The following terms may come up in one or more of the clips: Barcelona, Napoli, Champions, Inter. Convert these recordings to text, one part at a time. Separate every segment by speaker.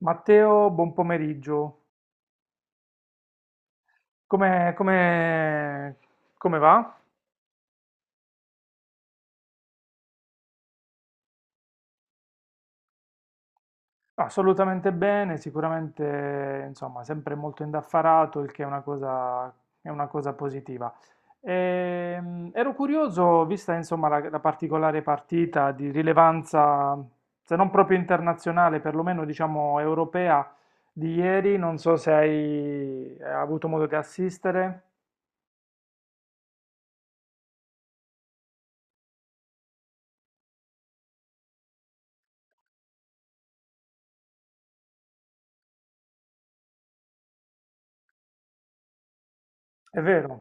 Speaker 1: Matteo, buon pomeriggio. Come, come- come va? Assolutamente bene, sicuramente, insomma, sempre molto indaffarato, il che è una cosa positiva. Ero curioso, vista, insomma, la particolare partita di rilevanza, se non proprio internazionale, perlomeno, diciamo, europea di ieri, non so se hai avuto modo di assistere. È vero,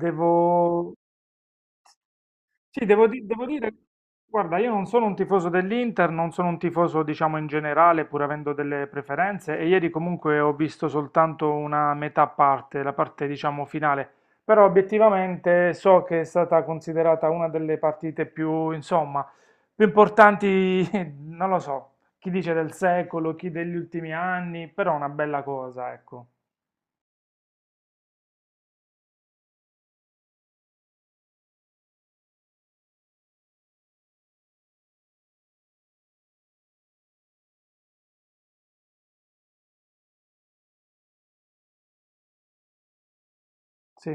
Speaker 1: devo... Sì, devo dire, guarda, io non sono un tifoso dell'Inter, non sono un tifoso, diciamo, in generale, pur avendo delle preferenze, e ieri comunque ho visto soltanto una metà parte, la parte, diciamo, finale, però obiettivamente so che è stata considerata una delle partite più, insomma, più importanti, non lo so, chi dice del secolo, chi degli ultimi anni, però una bella cosa, ecco. Sì,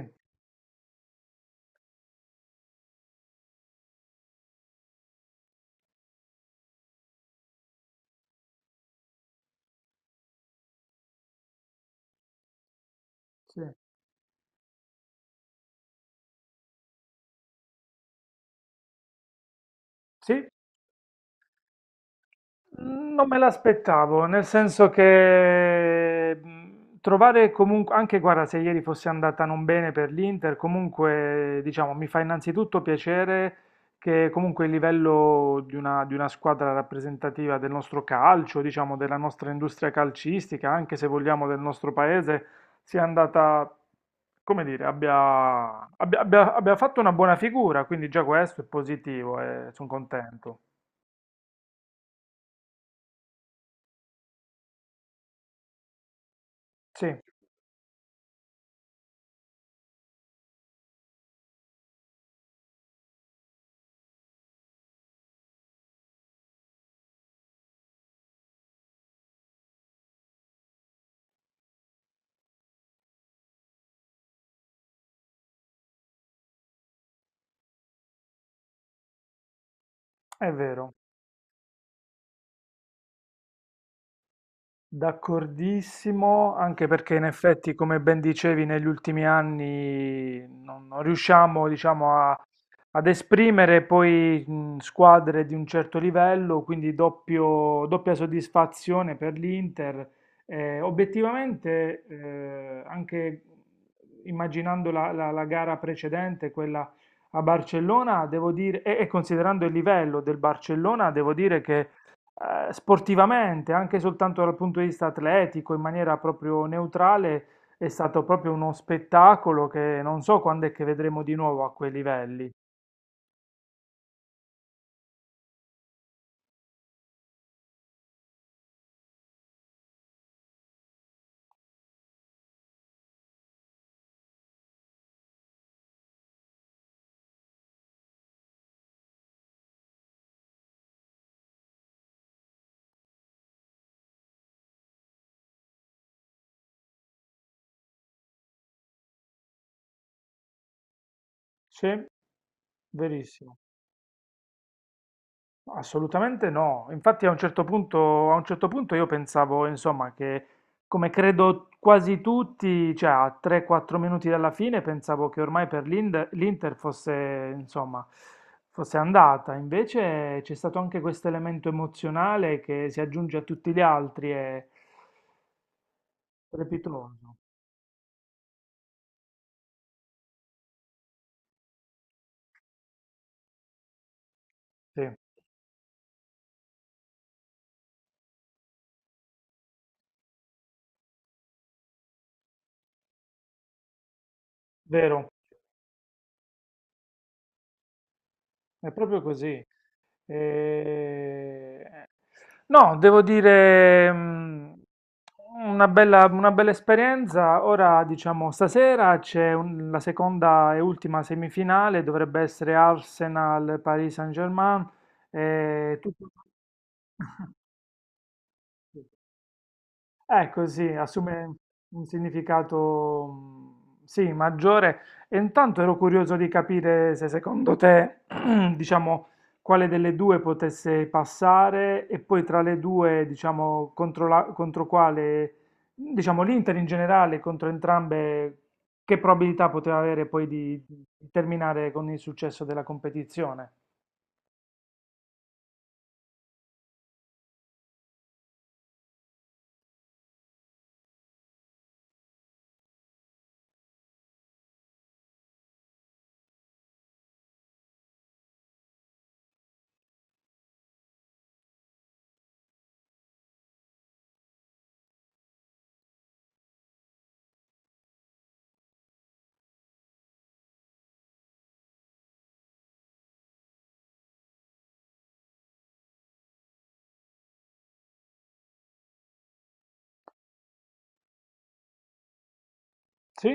Speaker 1: sì. Sì? Mm, non me l'aspettavo, nel senso che trovare comunque, anche guarda, se ieri fosse andata non bene per l'Inter, comunque diciamo mi fa innanzitutto piacere che comunque il livello di una squadra rappresentativa del nostro calcio, diciamo della nostra industria calcistica, anche se vogliamo del nostro paese, sia andata, come dire, abbia fatto una buona figura, quindi già questo è positivo e sono contento. Sì, è vero. D'accordissimo, anche perché in effetti, come ben dicevi, negli ultimi anni non, non riusciamo, diciamo, a- ad esprimere poi squadre di un certo livello, quindi doppia soddisfazione per l'Inter. Obiettivamente, anche immaginando la gara precedente, quella a Barcellona, devo dire, e considerando il livello del Barcellona, devo dire che sportivamente, anche soltanto dal punto di vista atletico, in maniera proprio neutrale, è stato proprio uno spettacolo che non so quando è che vedremo di nuovo a quei livelli. Sì, verissimo. Assolutamente no. Infatti a un certo punto, A un certo punto io pensavo, insomma, che come credo quasi tutti, cioè a 3-4 minuti dalla fine, pensavo che ormai per l'Inter fosse, insomma, fosse andata. Invece c'è stato anche questo elemento emozionale che si aggiunge a tutti gli altri, è strepitoso. Sì, vero, è proprio così. E- No, devo dire una bella esperienza. Ora, diciamo, stasera la seconda e ultima semifinale, dovrebbe essere Arsenal-Paris Saint-Germain. E tutto... È così, assume un significato sì, maggiore. E intanto ero curioso di capire se secondo te, diciamo, quale delle due potesse passare e poi tra le due, diciamo, contro, contro quale, diciamo, l'Inter in generale, contro entrambe, che probabilità poteva avere poi di terminare con il successo della competizione? Sì?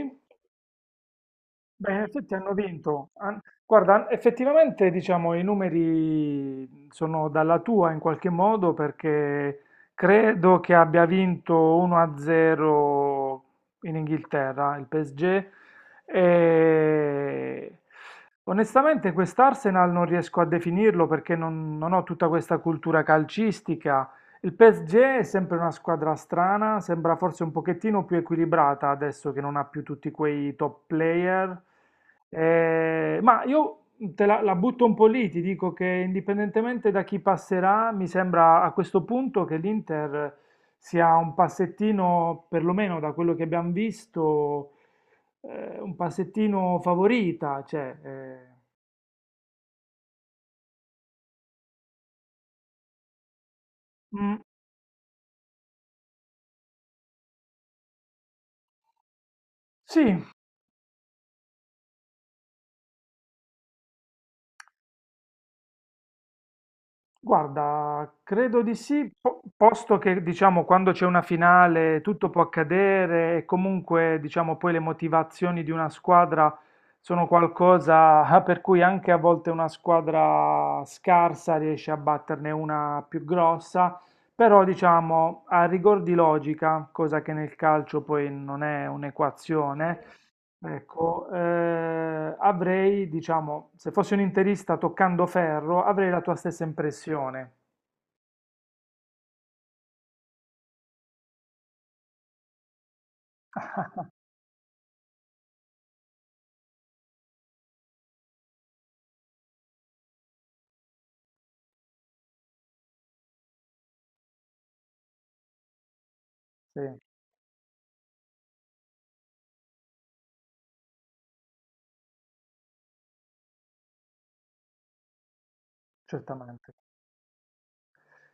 Speaker 1: Beh, in effetti hanno vinto. Han- Guarda, effettivamente diciamo i numeri sono dalla tua in qualche modo perché credo che abbia vinto 1-0 in Inghilterra il PSG e onestamente quest'Arsenal non riesco a definirlo perché non, non ho tutta questa cultura calcistica, il PSG è sempre una squadra strana, sembra forse un pochettino più equilibrata adesso che non ha più tutti quei top player. Ma io la butto un po' lì, ti dico che indipendentemente da chi passerà, mi sembra a questo punto che l'Inter sia un passettino, perlomeno da quello che abbiamo visto, un passettino favorita, mm, sì. Guarda, credo di sì, posto che diciamo quando c'è una finale tutto può accadere e comunque diciamo poi le motivazioni di una squadra sono qualcosa per cui anche a volte una squadra scarsa riesce a batterne una più grossa, però diciamo a rigor di logica, cosa che nel calcio poi non è un'equazione. Ecco, eh, Avrei, diciamo, se fossi un interista toccando ferro, avrei la tua stessa impressione. Sì, certamente.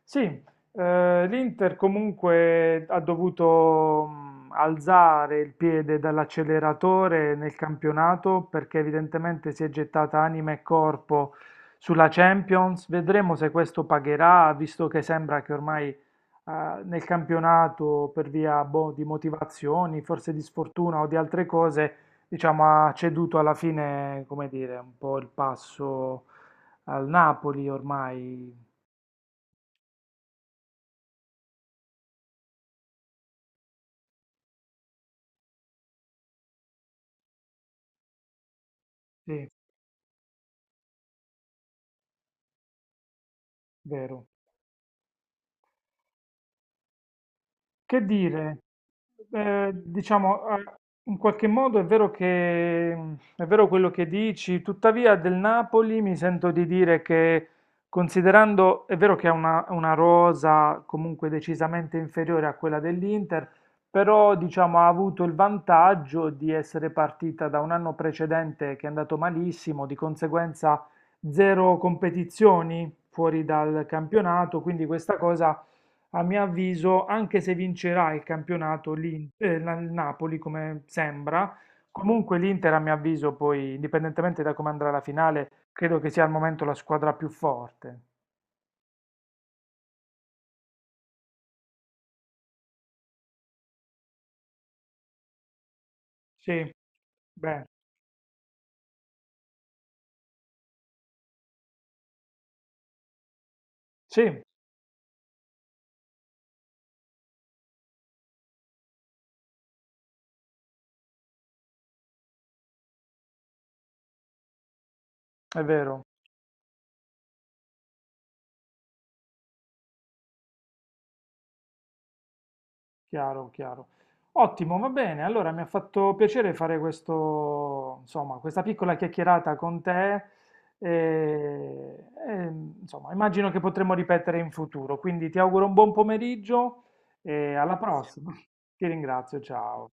Speaker 1: Sì, l'Inter comunque ha dovuto alzare il piede dall'acceleratore nel campionato perché evidentemente si è gettata anima e corpo sulla Champions. Vedremo se questo pagherà, visto che sembra che ormai nel campionato, per via boh, di motivazioni, forse di sfortuna o di altre cose, diciamo, ha ceduto alla fine, come dire, un po' il passo al Napoli ormai. Sì, vero. Che dire? Eh, diciamo, eh, In qualche modo è vero che, è vero quello che dici, tuttavia del Napoli mi sento di dire che, considerando, è vero che è una rosa comunque decisamente inferiore a quella dell'Inter, però diciamo ha avuto il vantaggio di essere partita da un anno precedente che è andato malissimo, di conseguenza zero competizioni fuori dal campionato, quindi questa cosa a mio avviso, anche se vincerà il campionato il Napoli, come sembra, comunque l'Inter, a mio avviso, poi, indipendentemente da come andrà la finale, credo che sia al momento la squadra più forte. Sì, beh, sì, è vero. Chiaro, chiaro. Ottimo, va bene. Allora mi ha fatto piacere fare questo, insomma, questa piccola chiacchierata con te. E, e, insomma, immagino che potremo ripetere in futuro. Quindi ti auguro un buon pomeriggio e alla Grazie. Prossima. Ti ringrazio, ciao.